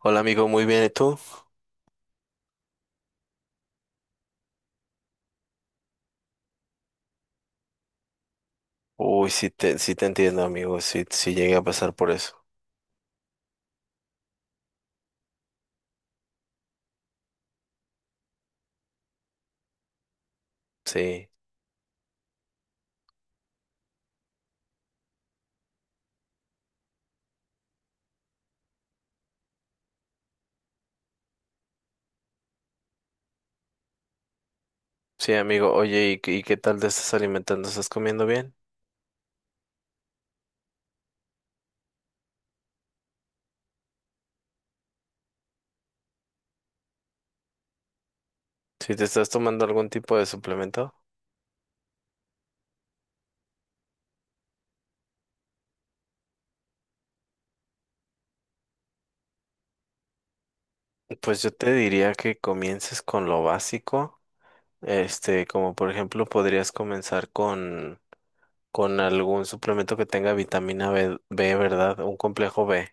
Hola amigo, muy bien, ¿y tú? Uy, sí te entiendo amigo, sí, sí llegué a pasar por eso. Sí, sí amigo, oye, ¿y qué tal te estás alimentando? ¿Estás comiendo bien? ¿Si te estás tomando algún tipo de suplemento? Pues yo te diría que comiences con lo básico, este, como por ejemplo podrías comenzar con algún suplemento que tenga vitamina B, ¿verdad? Un complejo B.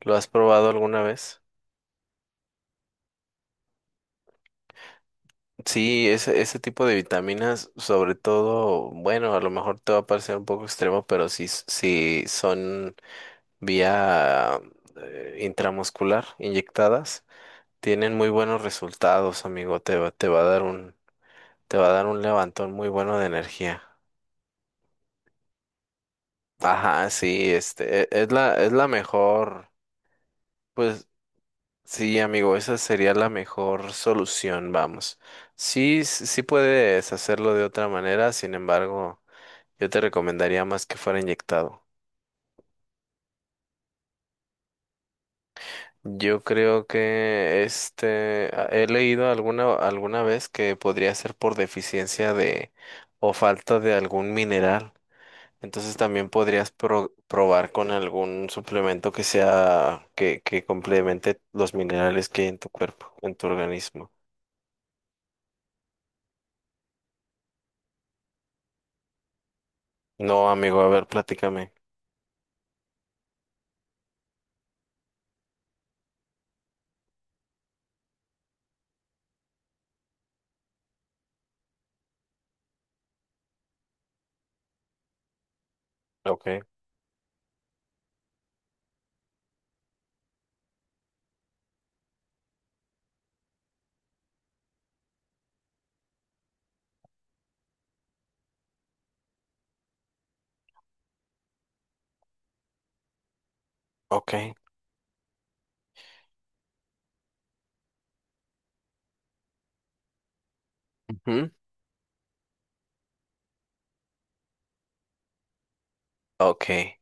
¿Lo has probado alguna vez? Sí, ese tipo de vitaminas, sobre todo, bueno, a lo mejor te va a parecer un poco extremo, pero si son vía intramuscular inyectadas, tienen muy buenos resultados, amigo. Te va a dar un levantón muy bueno de energía. Ajá, sí, este, es la mejor. Pues sí, amigo, esa sería la mejor solución, vamos. Sí, sí sí puedes hacerlo de otra manera, sin embargo. Yo te recomendaría más que fuera inyectado. Yo creo que este he leído alguna vez que podría ser por deficiencia de o falta de algún mineral. Entonces también podrías probar con algún suplemento que sea que complemente los minerales que hay en tu cuerpo, en tu organismo. No, amigo, a ver, platícame. Okay, okay. Ujú. Ok.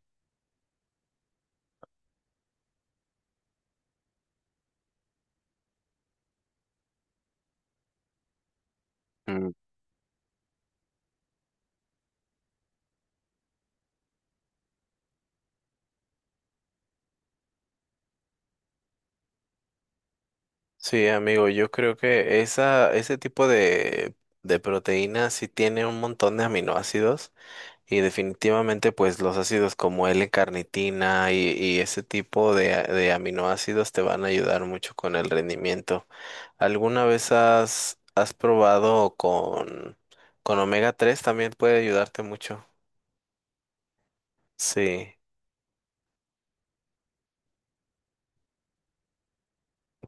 Mm. Sí, amigo, yo creo que esa, ese tipo de proteína sí tiene un montón de aminoácidos y definitivamente pues los ácidos como L-carnitina y ese tipo de, de aminoácidos te van a ayudar mucho con el rendimiento. ¿Alguna vez has, has probado con omega tres? También puede ayudarte mucho. Sí,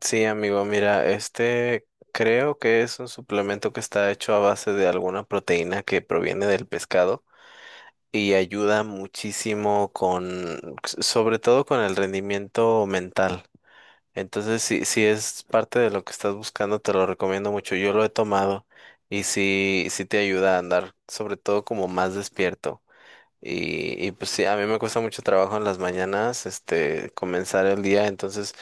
sí, amigo, mira, este, creo que es un suplemento que está hecho a base de alguna proteína que proviene del pescado. Y ayuda muchísimo con, sobre todo con el rendimiento mental. Entonces, si, si es parte de lo que estás buscando, te lo recomiendo mucho. Yo lo he tomado y sí, sí te ayuda a andar, sobre todo como más despierto. Y pues sí, a mí me cuesta mucho trabajo en las mañanas, este, comenzar el día. Entonces,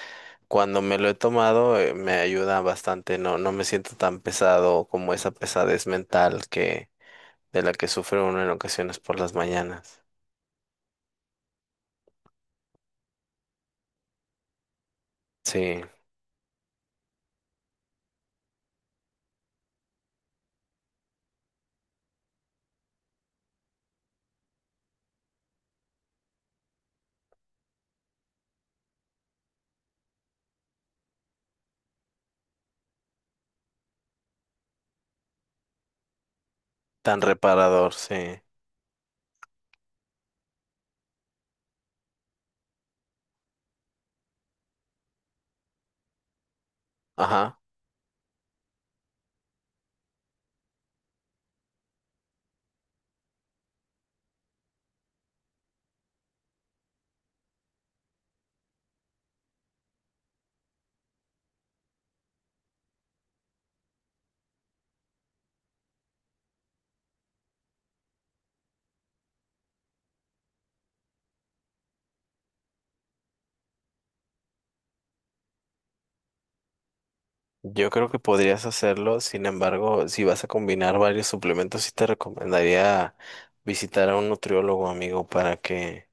cuando me lo he tomado, me ayuda bastante. No, no me siento tan pesado como esa pesadez mental que, de la que sufre uno en ocasiones por las mañanas. Sí. Tan reparador, sí. Ajá. Yo creo que podrías hacerlo. Sin embargo, si vas a combinar varios suplementos, sí te recomendaría visitar a un nutriólogo, amigo,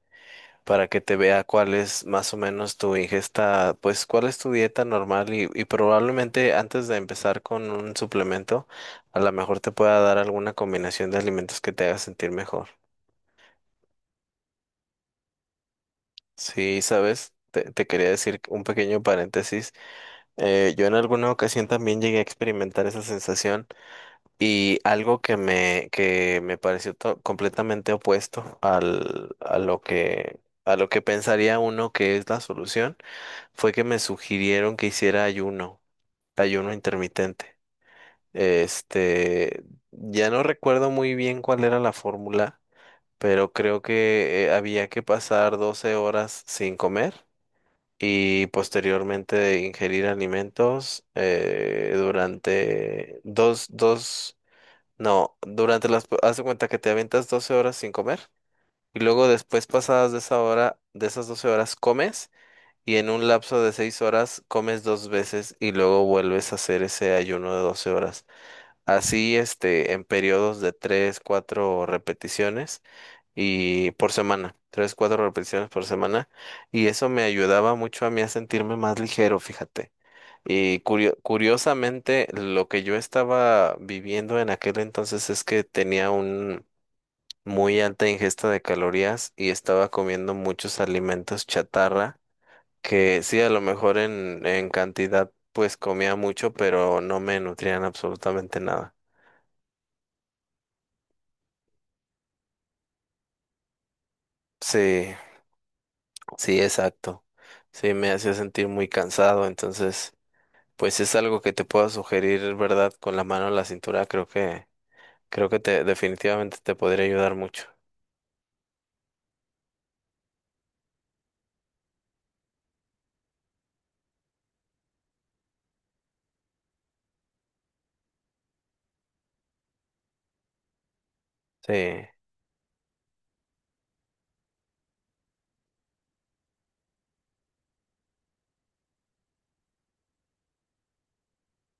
para que te vea cuál es más o menos tu ingesta, pues cuál es tu dieta normal, y probablemente antes de empezar con un suplemento, a lo mejor te pueda dar alguna combinación de alimentos que te haga sentir mejor. Sí, sabes, te quería decir un pequeño paréntesis. Yo en alguna ocasión también llegué a experimentar esa sensación, y algo que me pareció completamente opuesto al, a lo que pensaría uno que es la solución, fue que me sugirieron que hiciera ayuno, ayuno intermitente. Este, ya no recuerdo muy bien cuál era la fórmula, pero creo que había que pasar 12 horas sin comer y posteriormente de ingerir alimentos durante dos, dos, no, durante las, haz de cuenta que te aventas 12 horas sin comer, y luego después, pasadas de esa hora, de esas 12 horas comes, y en un lapso de 6 horas comes dos veces y luego vuelves a hacer ese ayuno de 12 horas. Así, este, en periodos de 3 4 repeticiones, y por semana, tres, cuatro repeticiones por semana, y eso me ayudaba mucho a mí a sentirme más ligero, fíjate. Y curiosamente, lo que yo estaba viviendo en aquel entonces es que tenía un muy alta ingesta de calorías y estaba comiendo muchos alimentos chatarra, que sí, a lo mejor en cantidad pues comía mucho, pero no me nutrían absolutamente nada. Sí, sí, exacto. Sí, me hacía sentir muy cansado, entonces... Pues es algo que te pueda sugerir, ¿verdad? Con la mano en la cintura, creo que, definitivamente te podría ayudar mucho. Sí,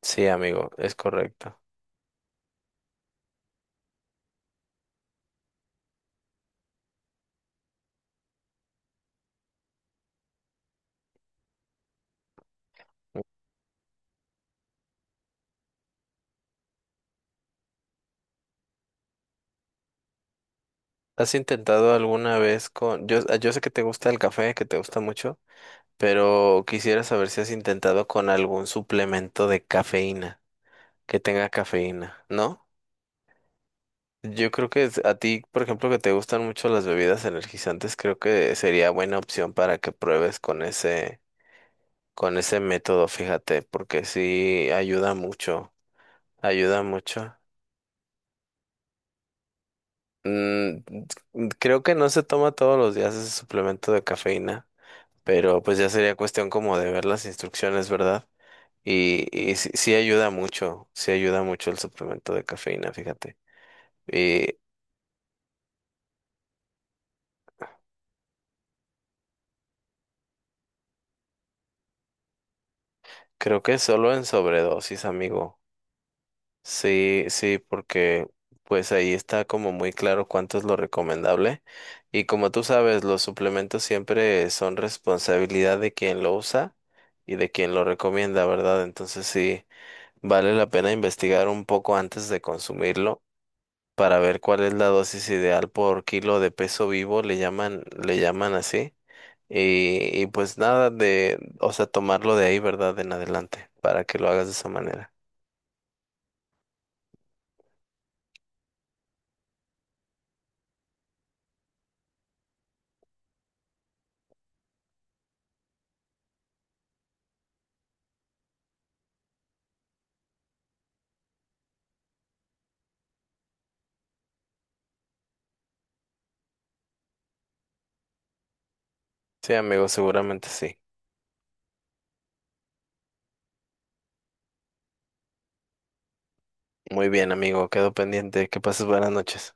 sí, amigo, es correcto. ¿Has intentado alguna vez con... Yo, ah, yo sé que te gusta el café, que te gusta mucho, pero quisiera saber si has intentado con algún suplemento de cafeína, que tenga cafeína, ¿no? Yo creo que a ti, por ejemplo, que te gustan mucho las bebidas energizantes, creo que sería buena opción para que pruebes con ese método, fíjate, porque sí ayuda mucho, ayuda mucho. Mm, creo que no se toma todos los días ese suplemento de cafeína, pero pues ya sería cuestión como de ver las instrucciones, ¿verdad? Y sí, sí ayuda mucho el suplemento de cafeína, fíjate. Y creo que solo en sobredosis, amigo. Sí, sí, porque pues ahí está como muy claro cuánto es lo recomendable. Y como tú sabes, los suplementos siempre son responsabilidad de quien lo usa y de quien lo recomienda, ¿verdad? Entonces sí, vale la pena investigar un poco antes de consumirlo para ver cuál es la dosis ideal por kilo de peso vivo, le llaman, así. Y pues nada de, o sea, tomarlo de ahí, ¿verdad? En adelante, para que lo hagas de esa manera. Sí, amigo, seguramente sí. Muy bien, amigo, quedo pendiente. Que pases buenas noches.